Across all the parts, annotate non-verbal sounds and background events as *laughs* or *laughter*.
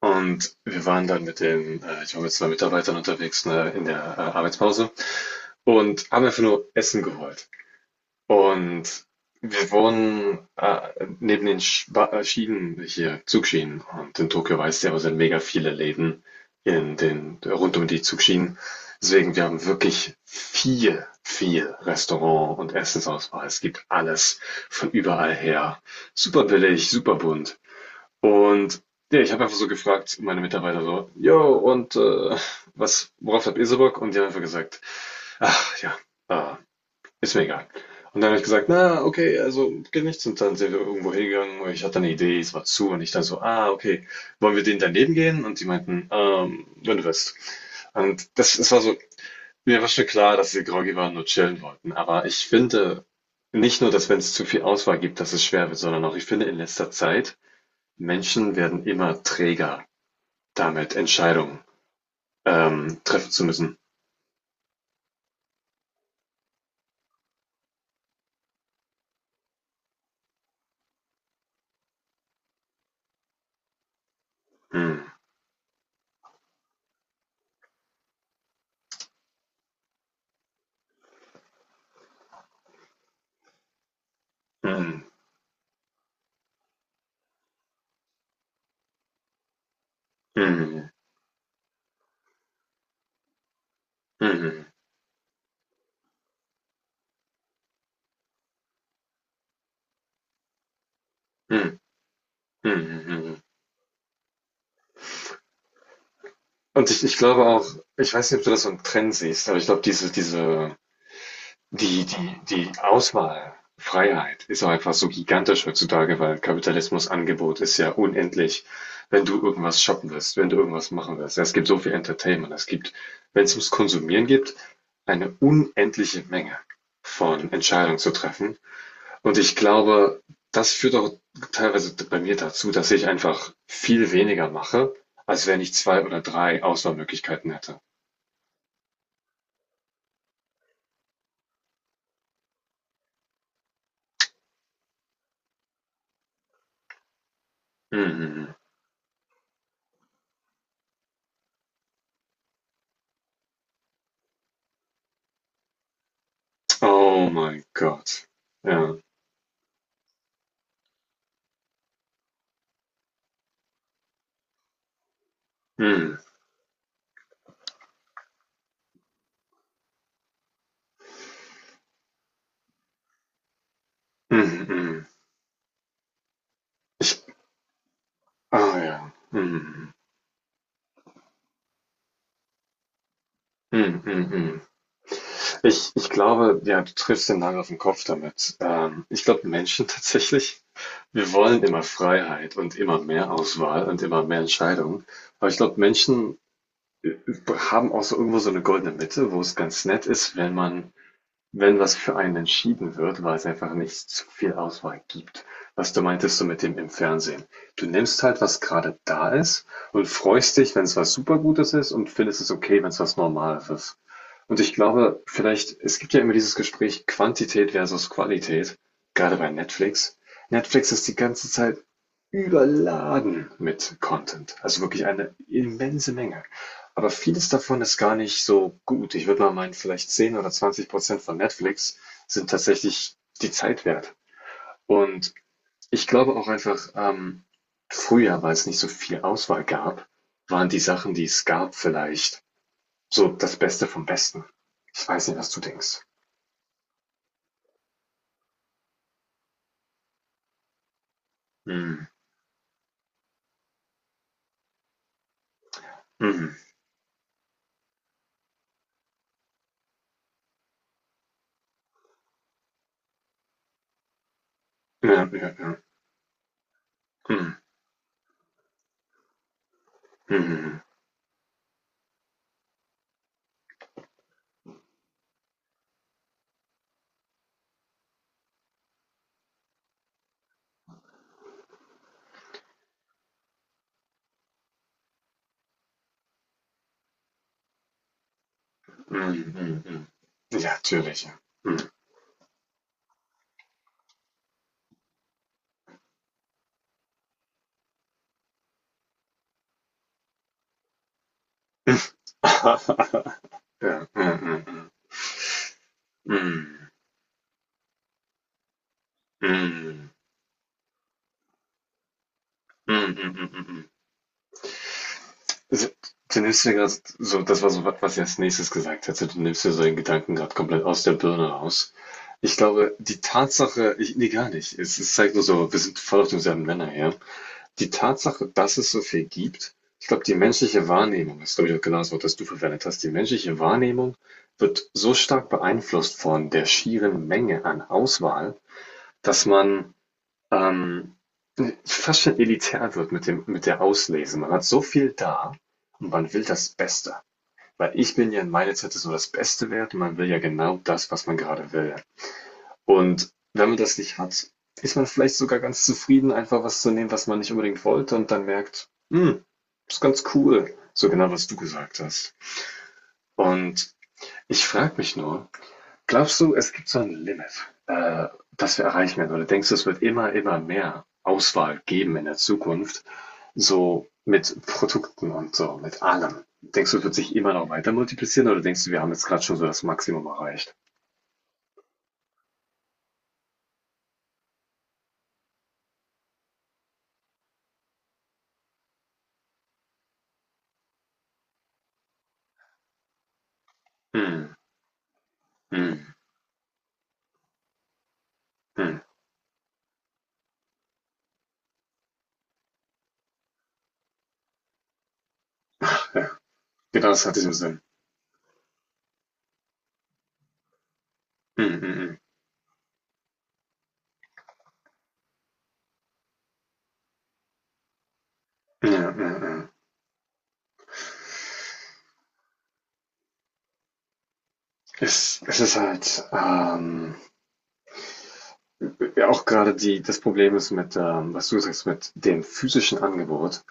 Und wir waren dann ich war mit zwei Mitarbeitern unterwegs, ne, in der Arbeitspause und haben einfach nur Essen geholt. Und wir wohnen neben den Schwa Schienen hier, Zugschienen. Und in Tokio weißt du ja, sind mega viele Läden rund um die Zugschienen. Deswegen, wir haben wirklich viel, viel Restaurant und Essensauswahl. Es gibt alles von überall her. Super billig, super bunt. Und ja, ich habe einfach so gefragt, meine Mitarbeiter so, jo, und worauf habt ihr so Bock? Und die haben einfach gesagt, ach ja, äh, ist mir egal. Und dann habe ich gesagt, na, okay, also geht nichts. Und dann sind wir irgendwo hingegangen und ich hatte eine Idee, es war zu. Und ich dann so, ah, okay, wollen wir denen daneben gehen? Und die meinten, wenn du willst. Und es war so, mir war schon klar, dass sie groggy waren und nur chillen wollten. Aber ich finde nicht nur, dass wenn es zu viel Auswahl gibt, dass es schwer wird, sondern auch, ich finde in letzter Zeit, Menschen werden immer träger, damit Entscheidungen, treffen zu müssen. Hm, hm, hm, hm, hm, hm, hm, hm, hm. Und ich glaube auch, ich weiß nicht, ob du das so einen Trend siehst, aber ich glaube, diese, diese Die die die Auswahlfreiheit ist auch einfach so gigantisch heutzutage, weil Kapitalismus Angebot ist ja unendlich. Wenn du irgendwas shoppen willst, wenn du irgendwas machen willst. Es gibt so viel Entertainment. Es gibt, wenn es ums Konsumieren geht, eine unendliche Menge von Entscheidungen zu treffen. Und ich glaube, das führt auch teilweise bei mir dazu, dass ich einfach viel weniger mache, als wenn ich zwei oder drei Auswahlmöglichkeiten hätte. Mhm. Oh mein Gott. Ja. Mhm. Mhm, mhm. Ich, ah ja. Mhm. Mhm, mhm. Mhm. Ich glaube, ja, du triffst den Nagel auf den Kopf damit. Ich glaube, Menschen tatsächlich, wir wollen immer Freiheit und immer mehr Auswahl und immer mehr Entscheidungen. Aber ich glaube, Menschen äh, haben auch so irgendwo so eine goldene Mitte, wo es ganz nett ist, wenn was für einen entschieden wird, weil es einfach nicht so viel Auswahl gibt. Was du meintest du mit dem im Fernsehen. Du nimmst halt, was gerade da ist und freust dich, wenn es was Supergutes ist und findest es okay, wenn es was Normales ist. Und ich glaube, vielleicht, es gibt ja immer dieses Gespräch Quantität versus Qualität, gerade bei Netflix. Netflix ist die ganze Zeit überladen mit Content, also wirklich eine immense Menge. Aber vieles davon ist gar nicht so gut. Ich würde mal meinen, vielleicht 10 oder 20% von Netflix sind tatsächlich die Zeit wert. Und ich glaube auch einfach, früher, weil es nicht so viel Auswahl gab, waren die Sachen, die es gab, vielleicht so das Beste vom Besten. Ich weiß nicht, was du denkst. Hm, mhm. Ja, ja, ja. Hm, mhm, mhm, mhm, mhm. Ja, natürlich. Ja. Hm. *laughs* Ja, ja, ja, ja, hm. Hm, hm, hm, hm, hm. So, du nimmst dir gerade so, das war so was, was ich als nächstes gesagt hätte. Du nimmst dir so den Gedanken gerade komplett aus der Birne raus. Ich glaube, die Tatsache, nee, gar nicht. Es zeigt nur so, wir sind voll auf demselben Nenner her. Die Tatsache, dass es so viel gibt, ich glaube, die menschliche Wahrnehmung, das ist, glaube ich, auch genau das Wort, das du verwendet hast, die menschliche Wahrnehmung wird so stark beeinflusst von der schieren Menge an Auswahl, dass man ähm, fast schon elitär wird mit der Auslese. Man hat so viel da und man will das Beste. Weil ich bin ja in meiner Zeit so das Beste wert und man will ja genau das, was man gerade will. Und wenn man das nicht hat, ist man vielleicht sogar ganz zufrieden, einfach was zu nehmen, was man nicht unbedingt wollte und dann merkt, ist ganz cool. So genau, was du gesagt hast. Und ich frage mich nur, glaubst du, es gibt so ein Limit, das wir erreichen werden? Oder denkst du, es wird immer, immer mehr Auswahl geben in der Zukunft, so mit Produkten und so, mit allem? Denkst du, es wird sich immer noch weiter multiplizieren oder denkst du, wir haben jetzt gerade schon so das Maximum erreicht? Hm, hm, hm. Genau, das hat diesen Sinn. Hm, hm, hm. Ja, ja, ja. Es ist halt ja, auch gerade das Problem ist mit, was du sagst, mit dem physischen Angebot.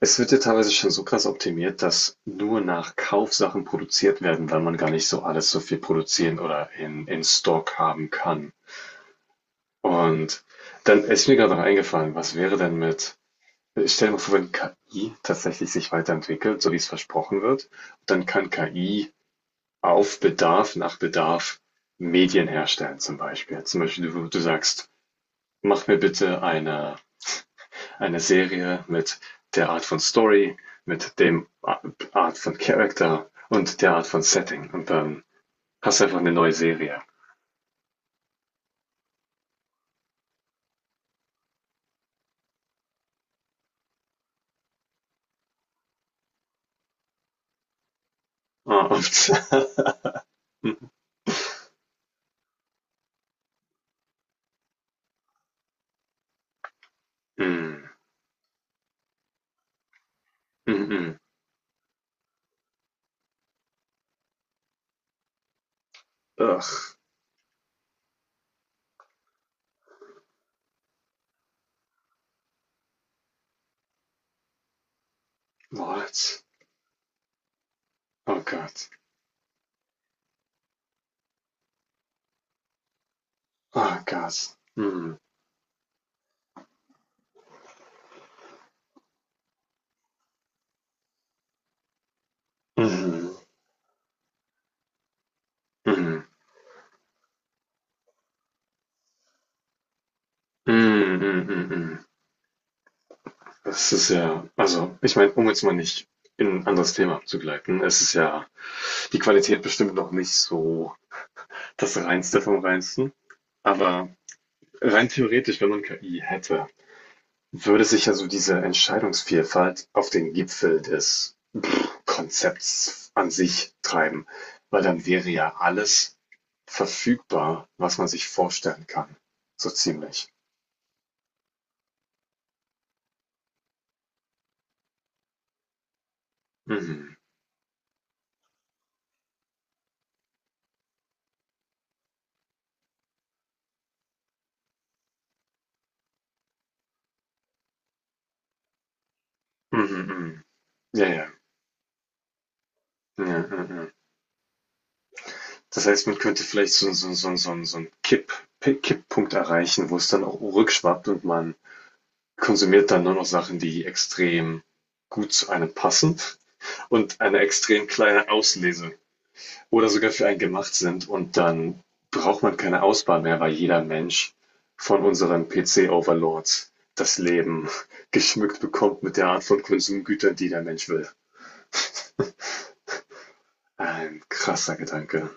Es wird ja teilweise schon so krass optimiert, dass nur nach Kauf Sachen produziert werden, weil man gar nicht so alles so viel produzieren oder in Stock haben kann. Und dann ist mir gerade noch eingefallen, was wäre denn mit, stell dir mal vor, wenn KI tatsächlich sich weiterentwickelt, so wie es versprochen wird, dann kann KI auf Bedarf, nach Bedarf Medien herstellen zum Beispiel. Zum Beispiel, du sagst, mach mir bitte eine Serie mit der Art von Story, mit dem Art von Character und der Art von Setting. Und dann hast du einfach eine neue Serie. Ah, und *laughs* mm, mm, mm. Ugh. What? Oh Gott. Oh Gott. Mm, mm, mm, mm, mm, mm, mm. Mm. Das ist ja, also, ich meine, um jetzt mal nicht in ein anderes Thema abzugleiten, es ist ja die Qualität bestimmt noch nicht so das Reinste vom Reinsten, aber rein theoretisch, wenn man KI hätte, würde sich also diese Entscheidungsvielfalt auf den Gipfel des Konzepts an sich treiben, weil dann wäre ja alles verfügbar, was man sich vorstellen kann. So ziemlich. Mhm. Mhm, mhm. Ja, ja. Ja, ja, ja. Das heißt, man könnte vielleicht so einen Kipppunkt erreichen, wo es dann auch rückschwappt und man konsumiert dann nur noch Sachen, die extrem gut zu einem passen und eine extrem kleine Auslese oder sogar für einen gemacht sind. Und dann braucht man keine Auswahl mehr, weil jeder Mensch von unseren PC-Overlords das Leben *laughs* geschmückt bekommt mit der Art von Konsumgütern, die der Mensch will. Ein krasser Gedanke.